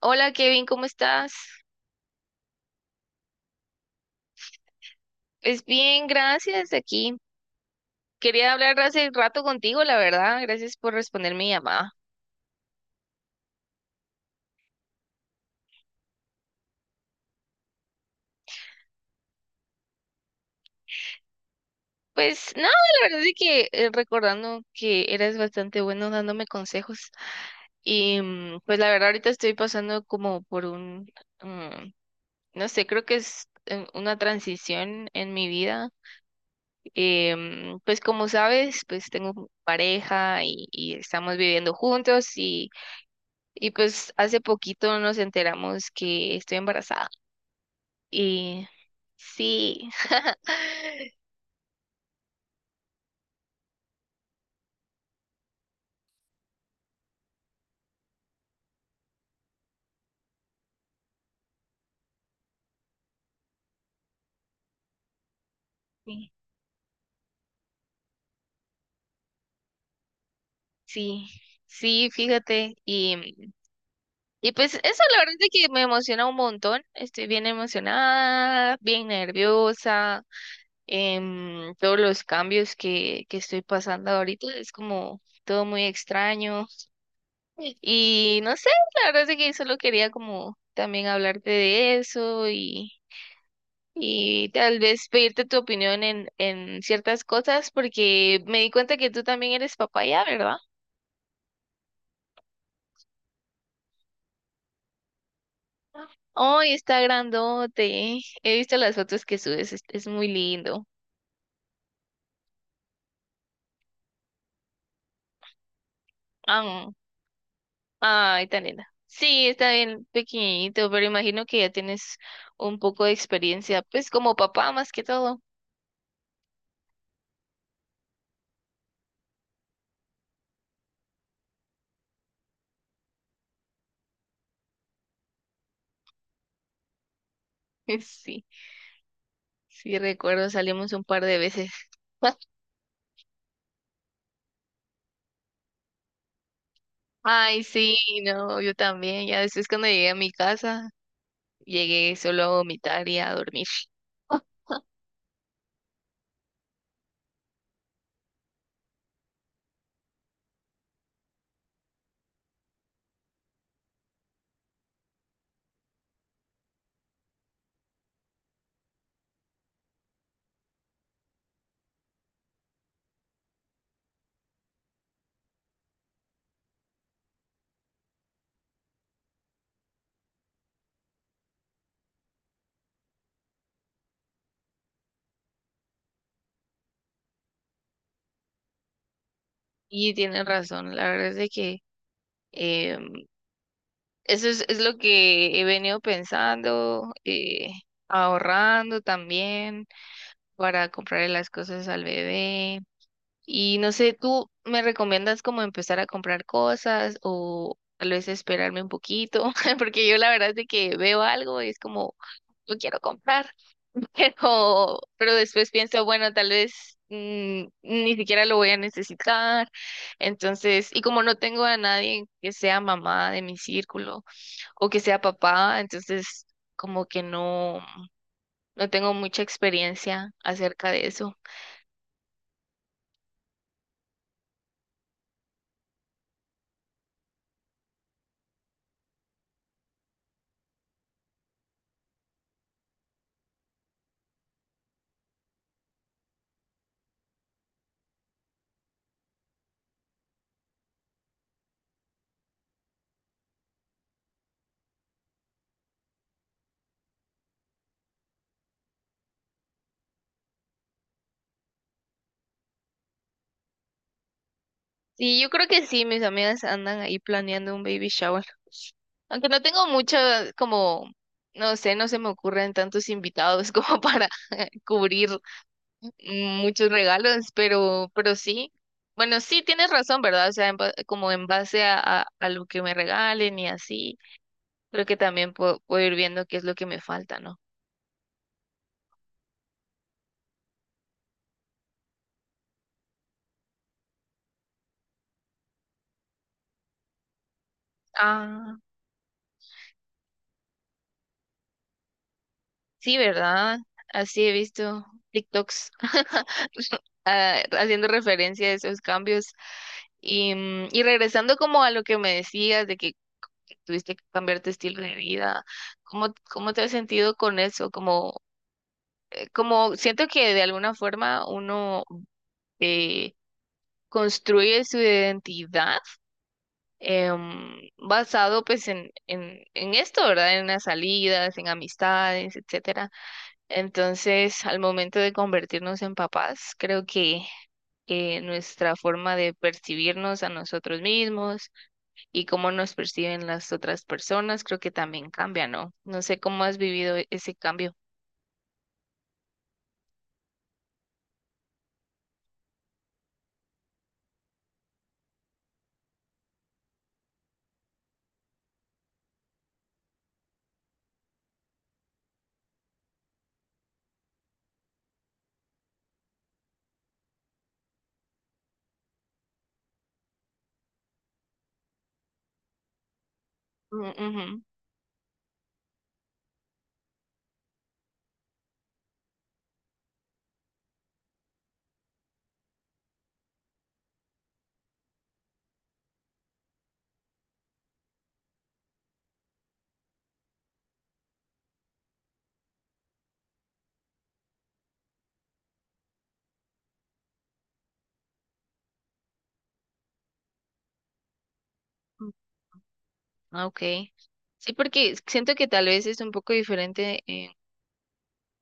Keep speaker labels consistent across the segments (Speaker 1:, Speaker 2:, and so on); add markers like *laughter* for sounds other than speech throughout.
Speaker 1: Hola, Kevin, ¿cómo estás? Es bien, gracias aquí. Quería hablar hace rato contigo, la verdad. Gracias por responder mi llamada. Pues nada, la verdad es que recordando que eres bastante bueno dándome consejos. Pues la verdad ahorita estoy pasando como por un, mm, no sé, creo que es una transición en mi vida. Pues como sabes, pues tengo pareja y estamos viviendo juntos y... Y pues hace poquito nos enteramos que estoy embarazada. Y sí, *laughs* sí, sí, sí, fíjate. Y pues eso, la verdad es que me emociona un montón. Estoy bien emocionada, bien nerviosa. Todos los cambios que estoy pasando ahorita es como todo muy extraño. Y no sé, la verdad es que solo quería como también hablarte de eso y tal vez pedirte tu opinión en ciertas cosas, porque me di cuenta que tú también eres papá ya, ¿verdad? Ay, está grandote. He visto las fotos que subes, es muy lindo. Ah, ay, tan linda. Sí, está bien pequeñito, pero imagino que ya tienes un poco de experiencia, pues como papá más que todo. *laughs* Sí, sí, recuerdo, salimos un par de veces. *laughs* Ay, sí, no, yo también. Ya después cuando llegué a mi casa, llegué solo a vomitar y a dormir. Y tienen razón, la verdad es de que em, eso es lo que he venido pensando, ahorrando también para comprarle las cosas al bebé. Y no sé, ¿tú me recomiendas como empezar a comprar cosas o tal vez esperarme un poquito? *laughs* Porque yo la verdad es de que veo algo y es como, lo quiero comprar, *laughs* pero después pienso, bueno, tal vez ni siquiera lo voy a necesitar. Entonces, y como no tengo a nadie que sea mamá de mi círculo o que sea papá, entonces como que no tengo mucha experiencia acerca de eso. Sí, yo creo que sí, mis amigas andan ahí planeando un baby shower. Aunque no tengo mucho, como, no sé, no se me ocurren tantos invitados como para *laughs* cubrir muchos regalos, pero sí. Bueno, sí tienes razón, ¿verdad? O sea, como en base a lo que me regalen y así, creo que también puedo ir viendo qué es lo que me falta, ¿no? Ah, sí, ¿verdad? Así he visto TikToks. *laughs* Ah, haciendo referencia a esos cambios. Y regresando como a lo que me decías de que tuviste que cambiar tu estilo de vida, ¿cómo te has sentido con eso? Como, como siento que de alguna forma uno eh, construye su identidad, basado pues en esto, ¿verdad? En las salidas, en amistades, etcétera. Entonces, al momento de convertirnos en papás, creo que nuestra forma de percibirnos a nosotros mismos y cómo nos perciben las otras personas, creo que también cambia, ¿no? No sé cómo has vivido ese cambio. Mm, ujú. Ah, ok. Sí, porque siento que tal vez es un poco diferente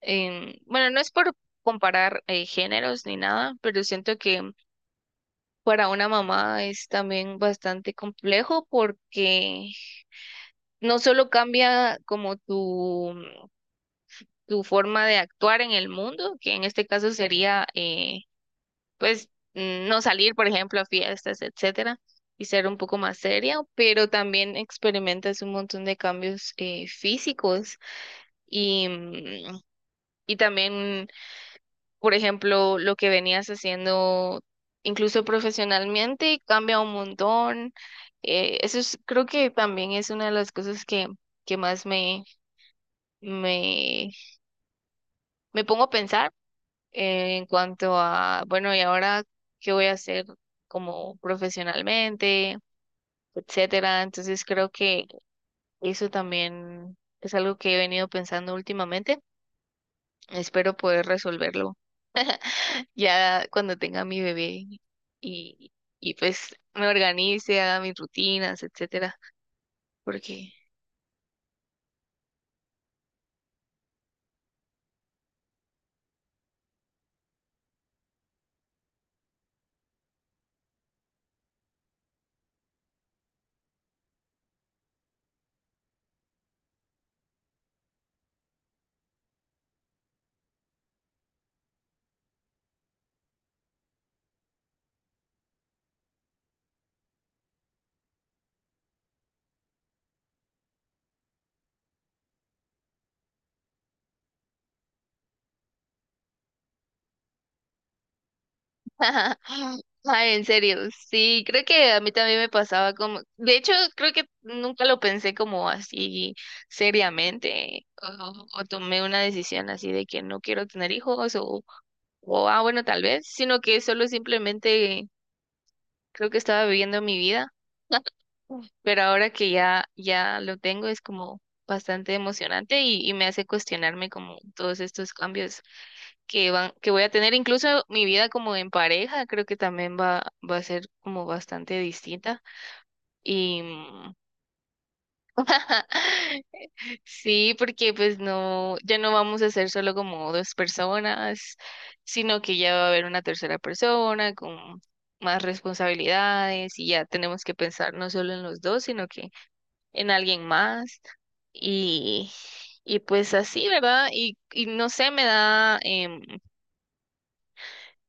Speaker 1: bueno, no es por comparar géneros ni nada, pero siento que para una mamá es también bastante complejo porque no solo cambia como tu forma de actuar en el mundo, que en este caso sería pues no salir, por ejemplo, a fiestas, etcétera, y ser un poco más seria, pero también experimentas un montón de cambios físicos y, y también por ejemplo, lo que venías haciendo incluso profesionalmente cambia un montón. Eso es, creo que también es una de las cosas que más me, me pongo a pensar en cuanto a, bueno, ¿y ahora qué voy a hacer como profesionalmente, etcétera? Entonces creo que eso también es algo que he venido pensando últimamente. Espero poder resolverlo ya cuando tenga mi bebé y, y pues me organice, haga mis rutinas, etcétera, porque *laughs* ay, en serio, sí, creo que a mí también me pasaba como, de hecho, creo que nunca lo pensé como así seriamente, o tomé una decisión así de que no quiero tener hijos, o ah, bueno, tal vez, sino que solo simplemente creo que estaba viviendo mi vida. Uf. Pero ahora que ya, ya lo tengo es como bastante emocionante y me hace cuestionarme como todos estos cambios que voy a tener. Incluso mi vida como en pareja creo que también va a ser como bastante distinta. Y mm, *laughs* sí, porque pues no, ya no vamos a ser solo como dos personas, sino que ya va a haber una tercera persona con más responsabilidades y ya tenemos que pensar no solo en los dos, sino que en alguien más. Y, y pues así, ¿verdad? Y no sé, me da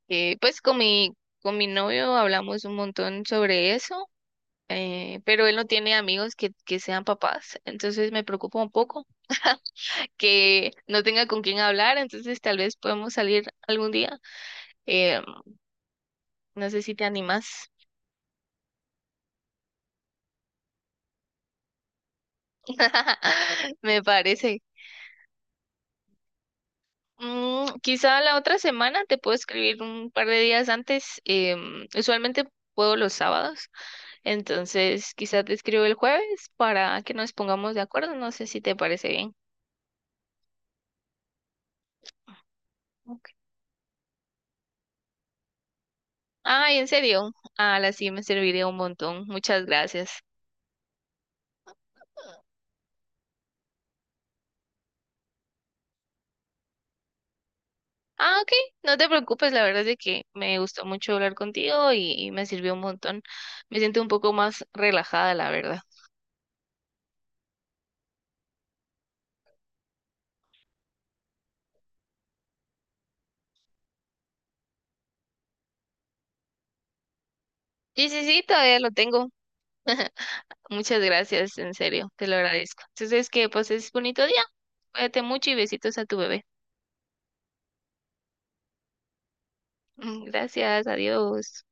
Speaker 1: que pues con mi novio hablamos un montón sobre eso, pero él no tiene amigos que sean papás, entonces me preocupa un poco que no tenga con quién hablar, entonces tal vez podemos salir algún día. Em, no sé si te animas. *laughs* Me parece. Mm, quizá la otra semana te puedo escribir un par de días antes. Usualmente puedo los sábados, entonces quizá te escribo el jueves para que nos pongamos de acuerdo. No sé si te parece bien. Ok. Ay, en serio. Ah, la sí me serviría un montón. Muchas gracias. Ah, ok. No te preocupes, la verdad es de que me gustó mucho hablar contigo y me sirvió un montón. Me siento un poco más relajada, la verdad. Sí, sí, sí, todavía lo tengo. *laughs* Muchas gracias, en serio, te lo agradezco. Entonces, que pases bonito día. Cuídate mucho y besitos a tu bebé. *laughs* Gracias, adiós.